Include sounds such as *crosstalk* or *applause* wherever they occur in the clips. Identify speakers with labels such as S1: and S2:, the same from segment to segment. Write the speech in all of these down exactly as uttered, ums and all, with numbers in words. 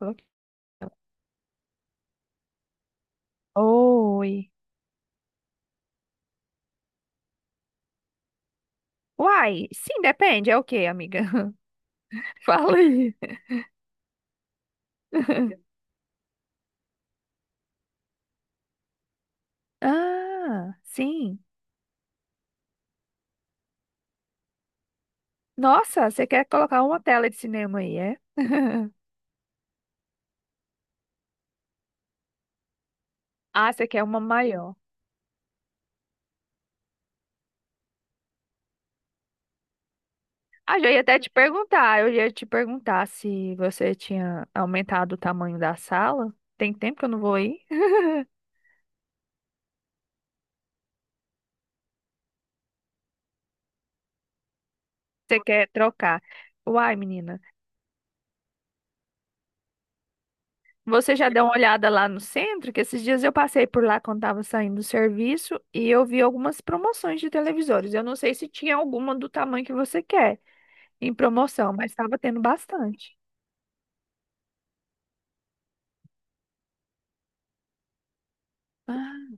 S1: Ok. Oi. Uai, sim, depende. É o quê, amiga? *laughs* Fala aí. *laughs* Ah, sim. Nossa, você quer colocar uma tela de cinema aí, é? *laughs* Ah, você quer uma maior. Ah, já ia até te perguntar. Eu ia te perguntar se você tinha aumentado o tamanho da sala. Tem tempo que eu não vou aí. *laughs* Você quer trocar? Uai, menina. Você já deu uma olhada lá no centro? Que esses dias eu passei por lá quando estava saindo do serviço e eu vi algumas promoções de televisores. Eu não sei se tinha alguma do tamanho que você quer em promoção, mas estava tendo bastante. Ah,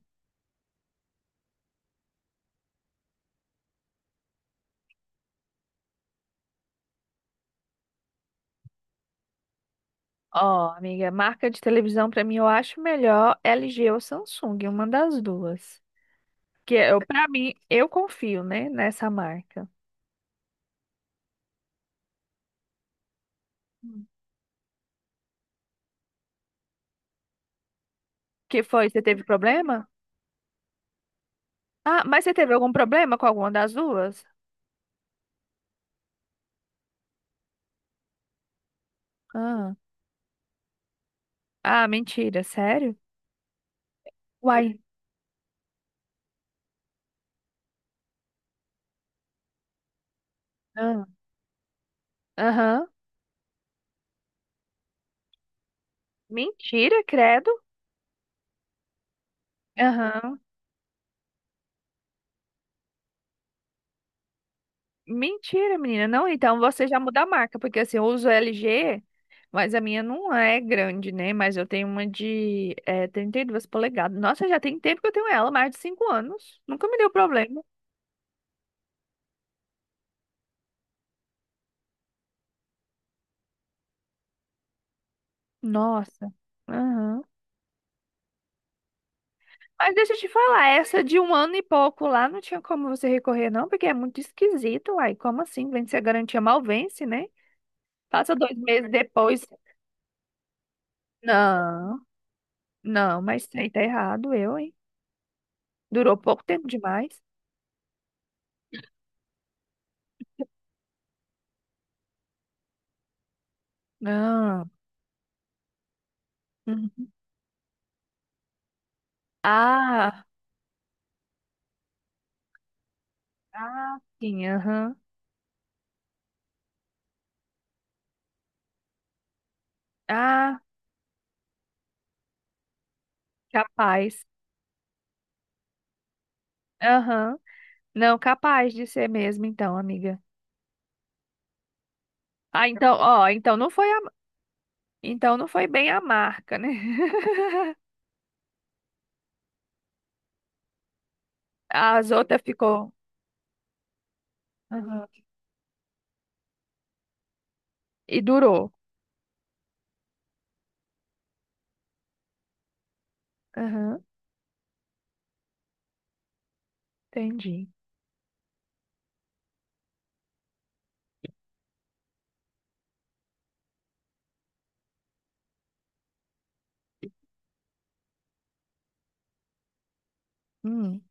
S1: ó, amiga, marca de televisão para mim eu acho melhor L G ou Samsung, uma das duas. Que é, eu, para mim, eu confio, né, nessa marca. Hum. Que foi? Você teve problema? Ah, mas você teve algum problema com alguma das duas? Ah, ah, mentira, sério? Uai. Aham. Mentira, credo. Aham. Mentira, menina. Não, então você já muda a marca, porque assim, eu uso L G, mas a minha não é grande, né? Mas eu tenho uma de é, trinta e duas polegadas. Nossa, já tem tempo que eu tenho ela, mais de cinco anos. Nunca me deu problema. Nossa. Aham. Mas deixa eu te falar, essa de um ano e pouco lá não tinha como você recorrer, não, porque é muito esquisito, uai. Como assim? Vence a garantia, mal vence, né? Passa dois meses depois. Não. Não, mas isso aí tá errado, eu, hein? Durou pouco tempo demais. Não. Uhum. Ah, ah, sim, aham. Ah, capaz. Aham. Não, capaz de ser mesmo, então, amiga. Ah, então, ó, então não foi a, então não foi bem a marca, né? *laughs* As outras ficou. Aham. E durou. Aham, entendi. Hum.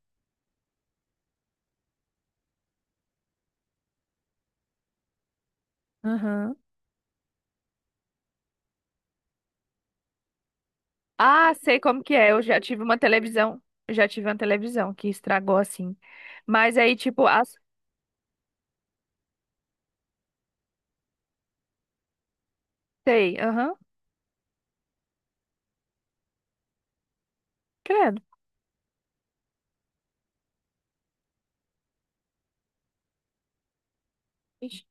S1: Aham. Ah, sei como que é. Eu já tive uma televisão. Eu Já tive uma televisão que estragou assim. Mas aí, tipo, as… Sei, aham, credo. Ixi.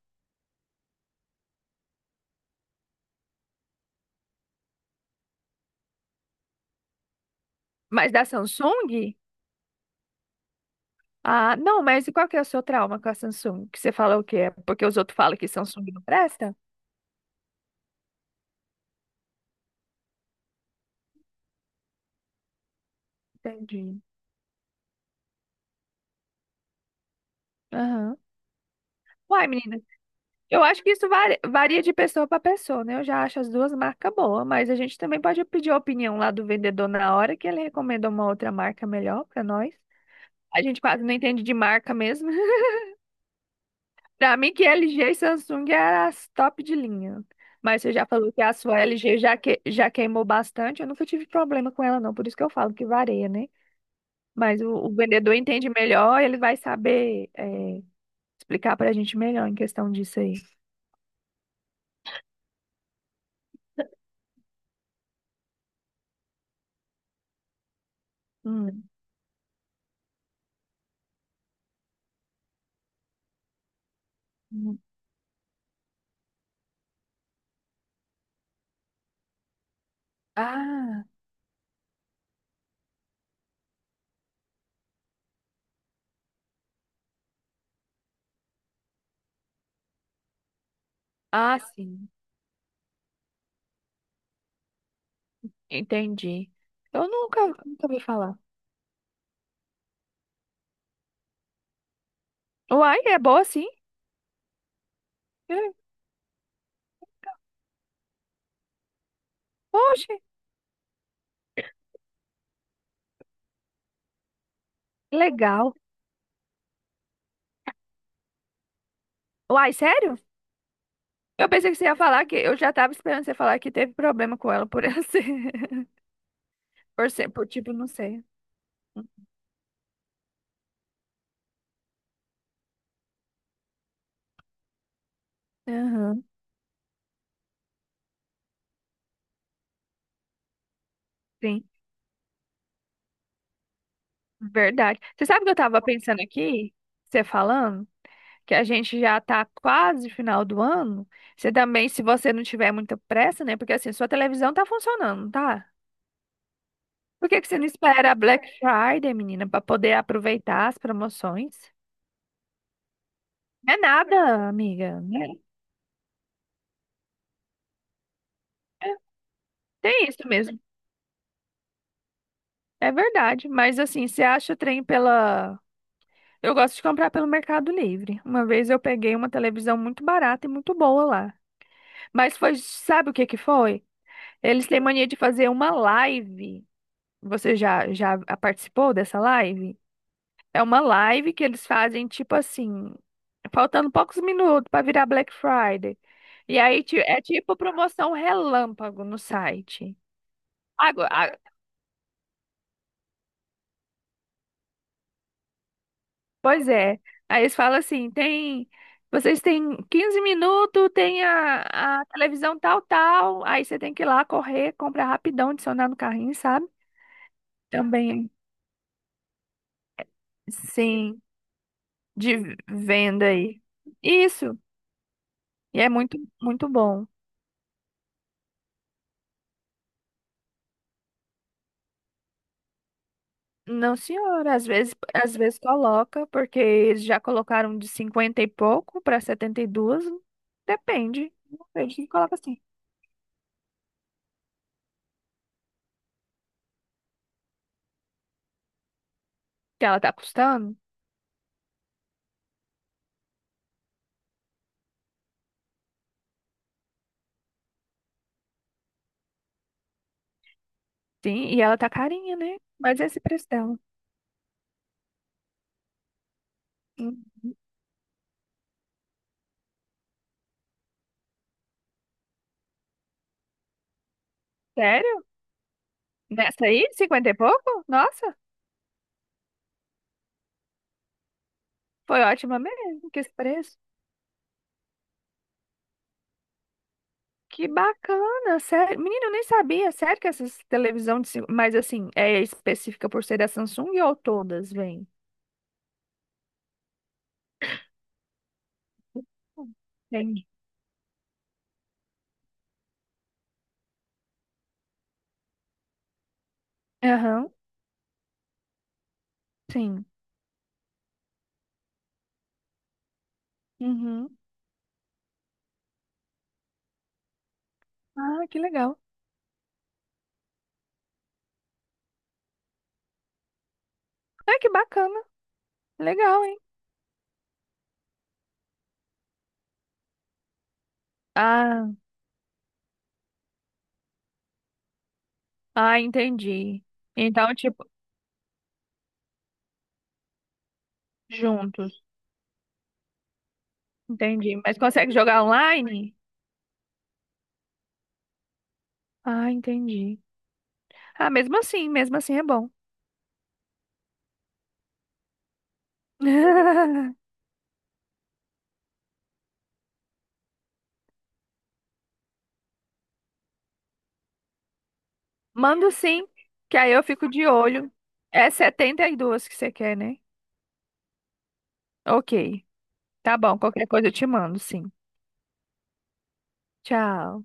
S1: Mas da Samsung? Ah, não, mas e qual que é o seu trauma com a Samsung? Que você fala o quê? É porque os outros falam que Samsung não presta? Entendi. Aham. Uai, menina, eu acho que isso varia, varia de pessoa para pessoa, né? Eu já acho as duas marcas boas, mas a gente também pode pedir a opinião lá do vendedor na hora que ele recomenda uma outra marca melhor para nós. A gente quase não entende de marca mesmo. Pra mim que L G e Samsung é as top de linha. Mas você já falou que a sua L G já, que, já queimou bastante. Eu nunca tive problema com ela, não. Por isso que eu falo que varia, né? Mas o, o vendedor entende melhor, ele vai saber é, explicar pra gente melhor em questão disso aí. Hum. Hum. Ah, ah, sim. Entendi. Eu nunca, nunca ouvi falar. Uai, é boa sim. É. Oxe, legal. Uai, sério? Eu pensei que você ia falar que eu já tava esperando você falar que teve problema com ela por *laughs* ela ser. Por ser, por tipo, não sei. Aham, sim, verdade. Você sabe que eu tava pensando aqui, você falando, que a gente já tá quase final do ano. Você também, se você não tiver muita pressa, né? Porque assim, sua televisão tá funcionando, não tá? Por que que você não espera a Black Friday, menina, pra poder aproveitar as promoções? Não é nada, amiga. Né? Tem isso mesmo. É verdade. Mas assim, você acha o trem pela. Eu gosto de comprar pelo Mercado Livre. Uma vez eu peguei uma televisão muito barata e muito boa lá. Mas foi, sabe o que que foi? Eles têm mania de fazer uma live. Você já já participou dessa live? É uma live que eles fazem tipo assim, faltando poucos minutos para virar Black Friday. E aí ti- é tipo promoção relâmpago no site. Agora, a- pois é. Aí eles falam assim, tem vocês têm quinze minutos, tem a, a televisão tal, tal. Aí você tem que ir lá correr, comprar rapidão, adicionar no carrinho, sabe? Também. Sim. De venda aí. Isso. E é muito, muito bom. Não, senhora, às vezes, às vezes coloca, porque eles já colocaram de cinquenta e pouco para setenta e duas. Depende. Depende que coloca assim. Que ela tá custando? Sim, e ela tá carinha, né? Mas esse preço dela. Uhum. Sério? Nessa aí, cinquenta e pouco? Nossa, foi ótima mesmo, que esse preço. Que bacana, sério. Menina, eu nem sabia, sério que essas televisão de… cin- Mas assim, é específica por ser da Samsung ou todas, vem? Tem. Aham, sim. Uhum. Ah, que legal. Ah, que bacana. Legal, hein? Ah, ah, entendi. Então, tipo, juntos. Entendi. Mas consegue jogar online? Ah, entendi. Ah, mesmo assim, mesmo assim é bom. *laughs* Mando sim, que aí eu fico de olho. É setenta e dois que você quer, né? Ok. Tá bom, qualquer coisa eu te mando, sim. Tchau.